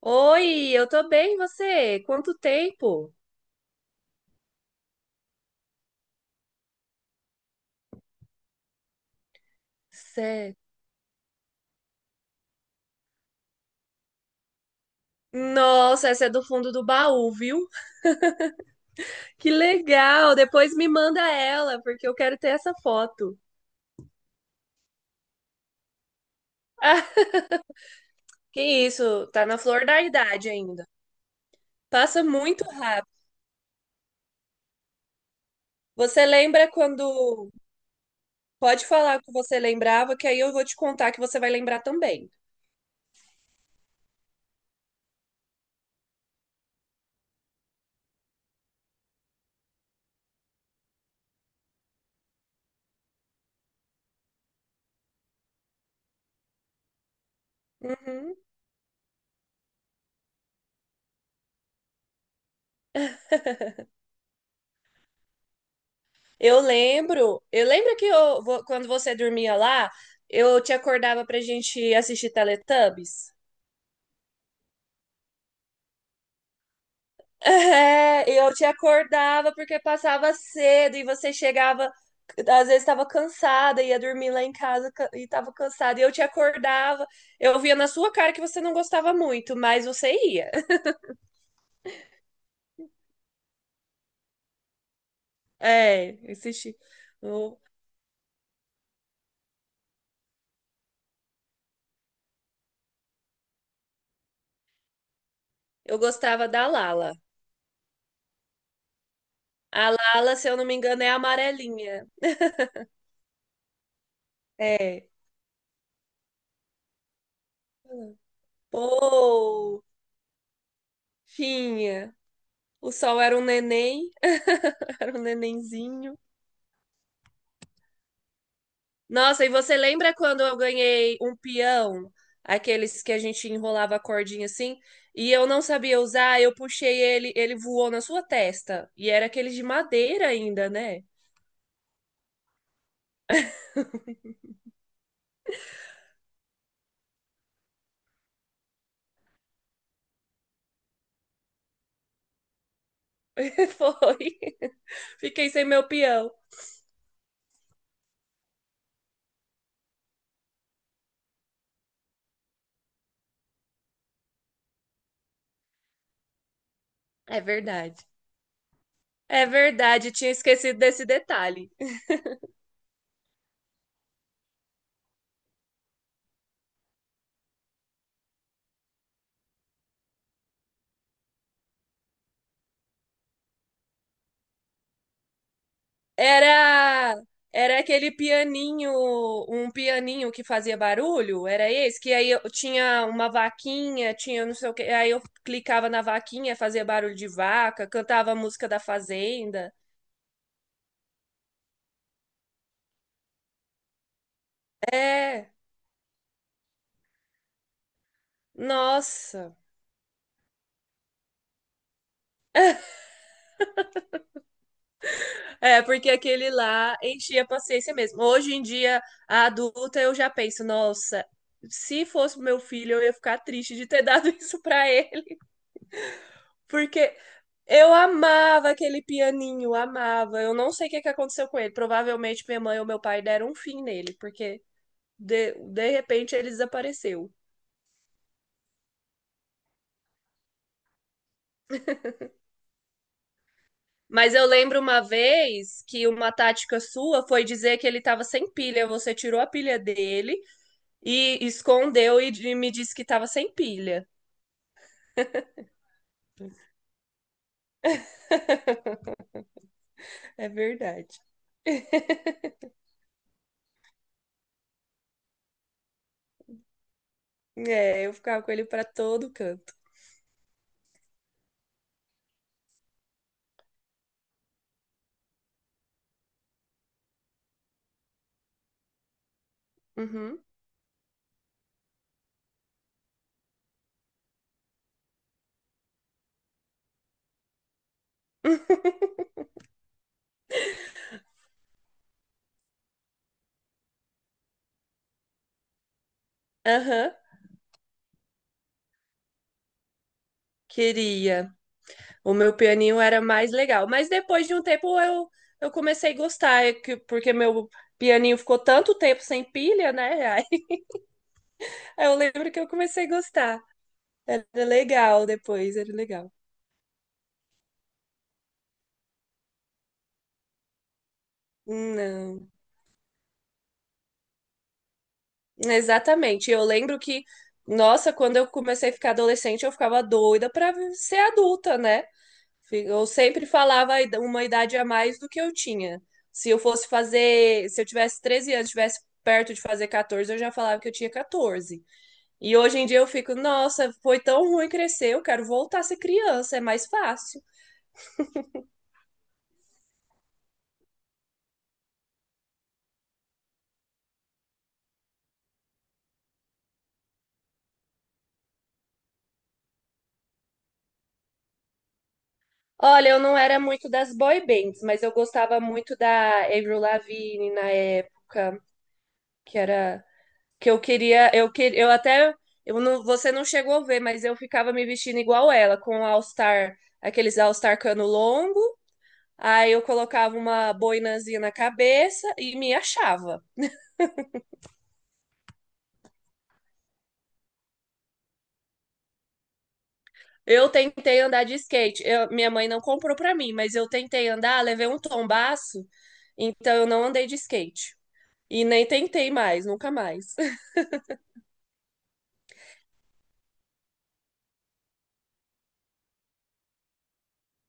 Oi, eu tô bem, e você? Quanto tempo? Sé- Nossa, essa é do fundo do baú, viu? Que legal! Depois me manda ela, porque eu quero ter essa foto. Ah, que isso, tá na flor da idade ainda. Passa muito rápido. Você lembra quando. Pode falar o que você lembrava, que aí eu vou te contar que você vai lembrar também. Uhum. Eu lembro que quando você dormia lá, eu te acordava pra gente assistir Teletubbies. É, eu te acordava porque passava cedo e você chegava, às vezes estava cansada, ia dormir lá em casa e estava cansada. E eu te acordava, eu via na sua cara que você não gostava muito, mas você ia. É, assisti. Eu, eu gostava da Lala. A Lala, se eu não me engano, é amarelinha. É. Pô, tinha. O sol era um neném, era um nenenzinho. Nossa, e você lembra quando eu ganhei um peão, aqueles que a gente enrolava a cordinha assim, e eu não sabia usar, eu puxei ele, ele voou na sua testa. E era aquele de madeira ainda, né? Foi. Fiquei sem meu peão. É verdade. É verdade, tinha esquecido desse detalhe. Era era aquele pianinho, um pianinho que fazia barulho, era esse, que aí eu tinha uma vaquinha, tinha não sei o que, aí eu clicava na vaquinha, fazia barulho de vaca, cantava a música da fazenda. É, nossa. É, porque aquele lá enchia a paciência mesmo. Hoje em dia, a adulta, eu já penso, nossa, se fosse meu filho, eu ia ficar triste de ter dado isso pra ele, porque eu amava aquele pianinho, amava. Eu não sei o que que aconteceu com ele. Provavelmente minha mãe ou meu pai deram um fim nele, porque de repente ele desapareceu. Mas eu lembro uma vez que uma tática sua foi dizer que ele estava sem pilha. Você tirou a pilha dele e escondeu e me disse que estava sem pilha. É verdade. É, eu ficava com ele para todo canto. Uhum. Aham. Queria. O meu pianinho era mais legal. Mas depois de um tempo eu comecei a gostar, porque meu pianinho ficou tanto tempo sem pilha, né? Aí eu lembro que eu comecei a gostar. Era legal depois, era legal. Não, exatamente. Eu lembro que, nossa, quando eu comecei a ficar adolescente, eu ficava doida pra ser adulta, né? Eu sempre falava a uma idade a mais do que eu tinha. Se eu fosse fazer, se eu tivesse 13 anos, tivesse perto de fazer 14, eu já falava que eu tinha 14. E hoje em dia eu fico, nossa, foi tão ruim crescer, eu quero voltar a ser criança, é mais fácil. Olha, eu não era muito das boy bands, mas eu gostava muito da Avril Lavigne na época, que era que eu queria, eu queria, eu até eu não, você não chegou a ver, mas eu ficava me vestindo igual ela, com All Star, aqueles All Star cano longo, aí eu colocava uma boinazinha na cabeça e me achava. Eu tentei andar de skate. Minha mãe não comprou pra mim, mas eu tentei andar, levei um tombaço, então eu não andei de skate. E nem tentei mais, nunca mais.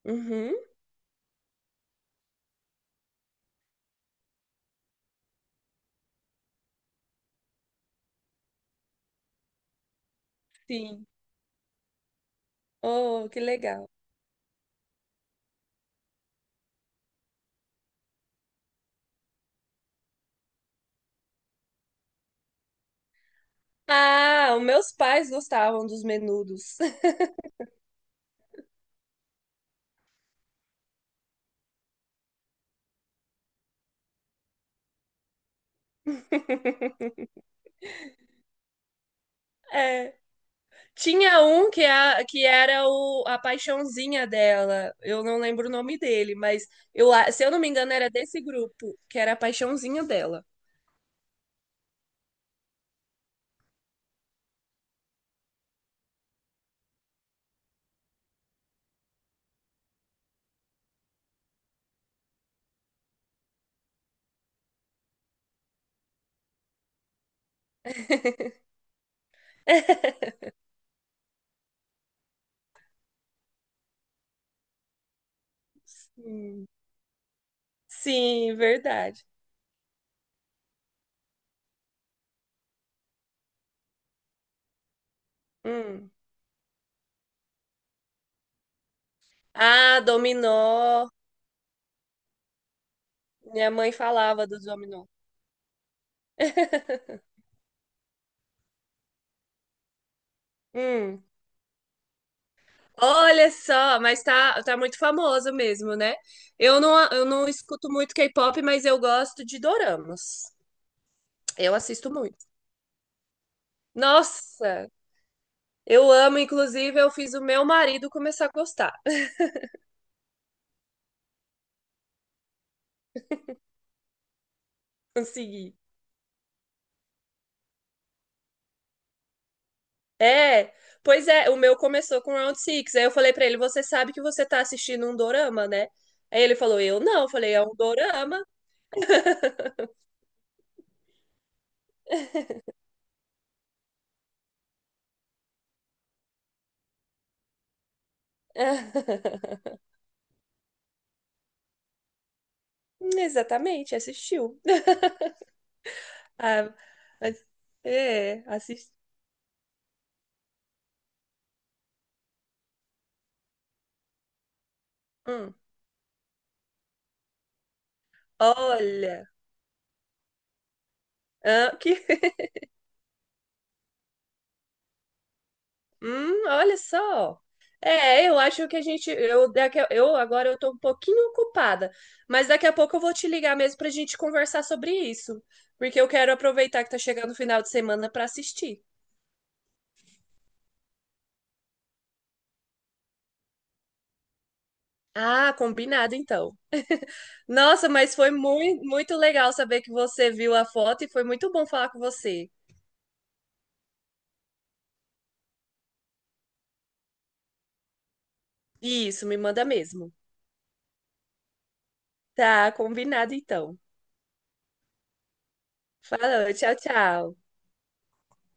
Uhum, sim. Oh, que legal. Ah, os meus pais gostavam dos menudos. É. Tinha um que, que era o, a paixãozinha dela. Eu não lembro o nome dele, mas se eu não me engano, era desse grupo, que era a paixãozinha dela. Sim, Sim, verdade. Hum. Ah, dominó. Minha mãe falava dos dominó. Hum. Olha só, mas tá, tá muito famoso mesmo, né? Eu não escuto muito K-pop, mas eu gosto de doramas. Eu assisto muito. Nossa, eu amo, inclusive, eu fiz o meu marido começar a gostar. Consegui. É, pois é, o meu começou com Round Six. Aí eu falei pra ele, você sabe que você tá assistindo um dorama, né? Aí ele falou, eu não. Eu falei, é um dorama. Exatamente, assistiu. Ah, mas- é, assist... Hum, olha, ah, que... olha só. É, eu acho que a gente, eu, daqui, eu agora eu tô um pouquinho ocupada, mas daqui a pouco eu vou te ligar mesmo pra gente conversar sobre isso, porque eu quero aproveitar que tá chegando o final de semana pra assistir. Ah, combinado então. Nossa, mas foi muito, muito legal saber que você viu a foto e foi muito bom falar com você. Isso, me manda mesmo. Tá, combinado então. Falou, tchau, tchau.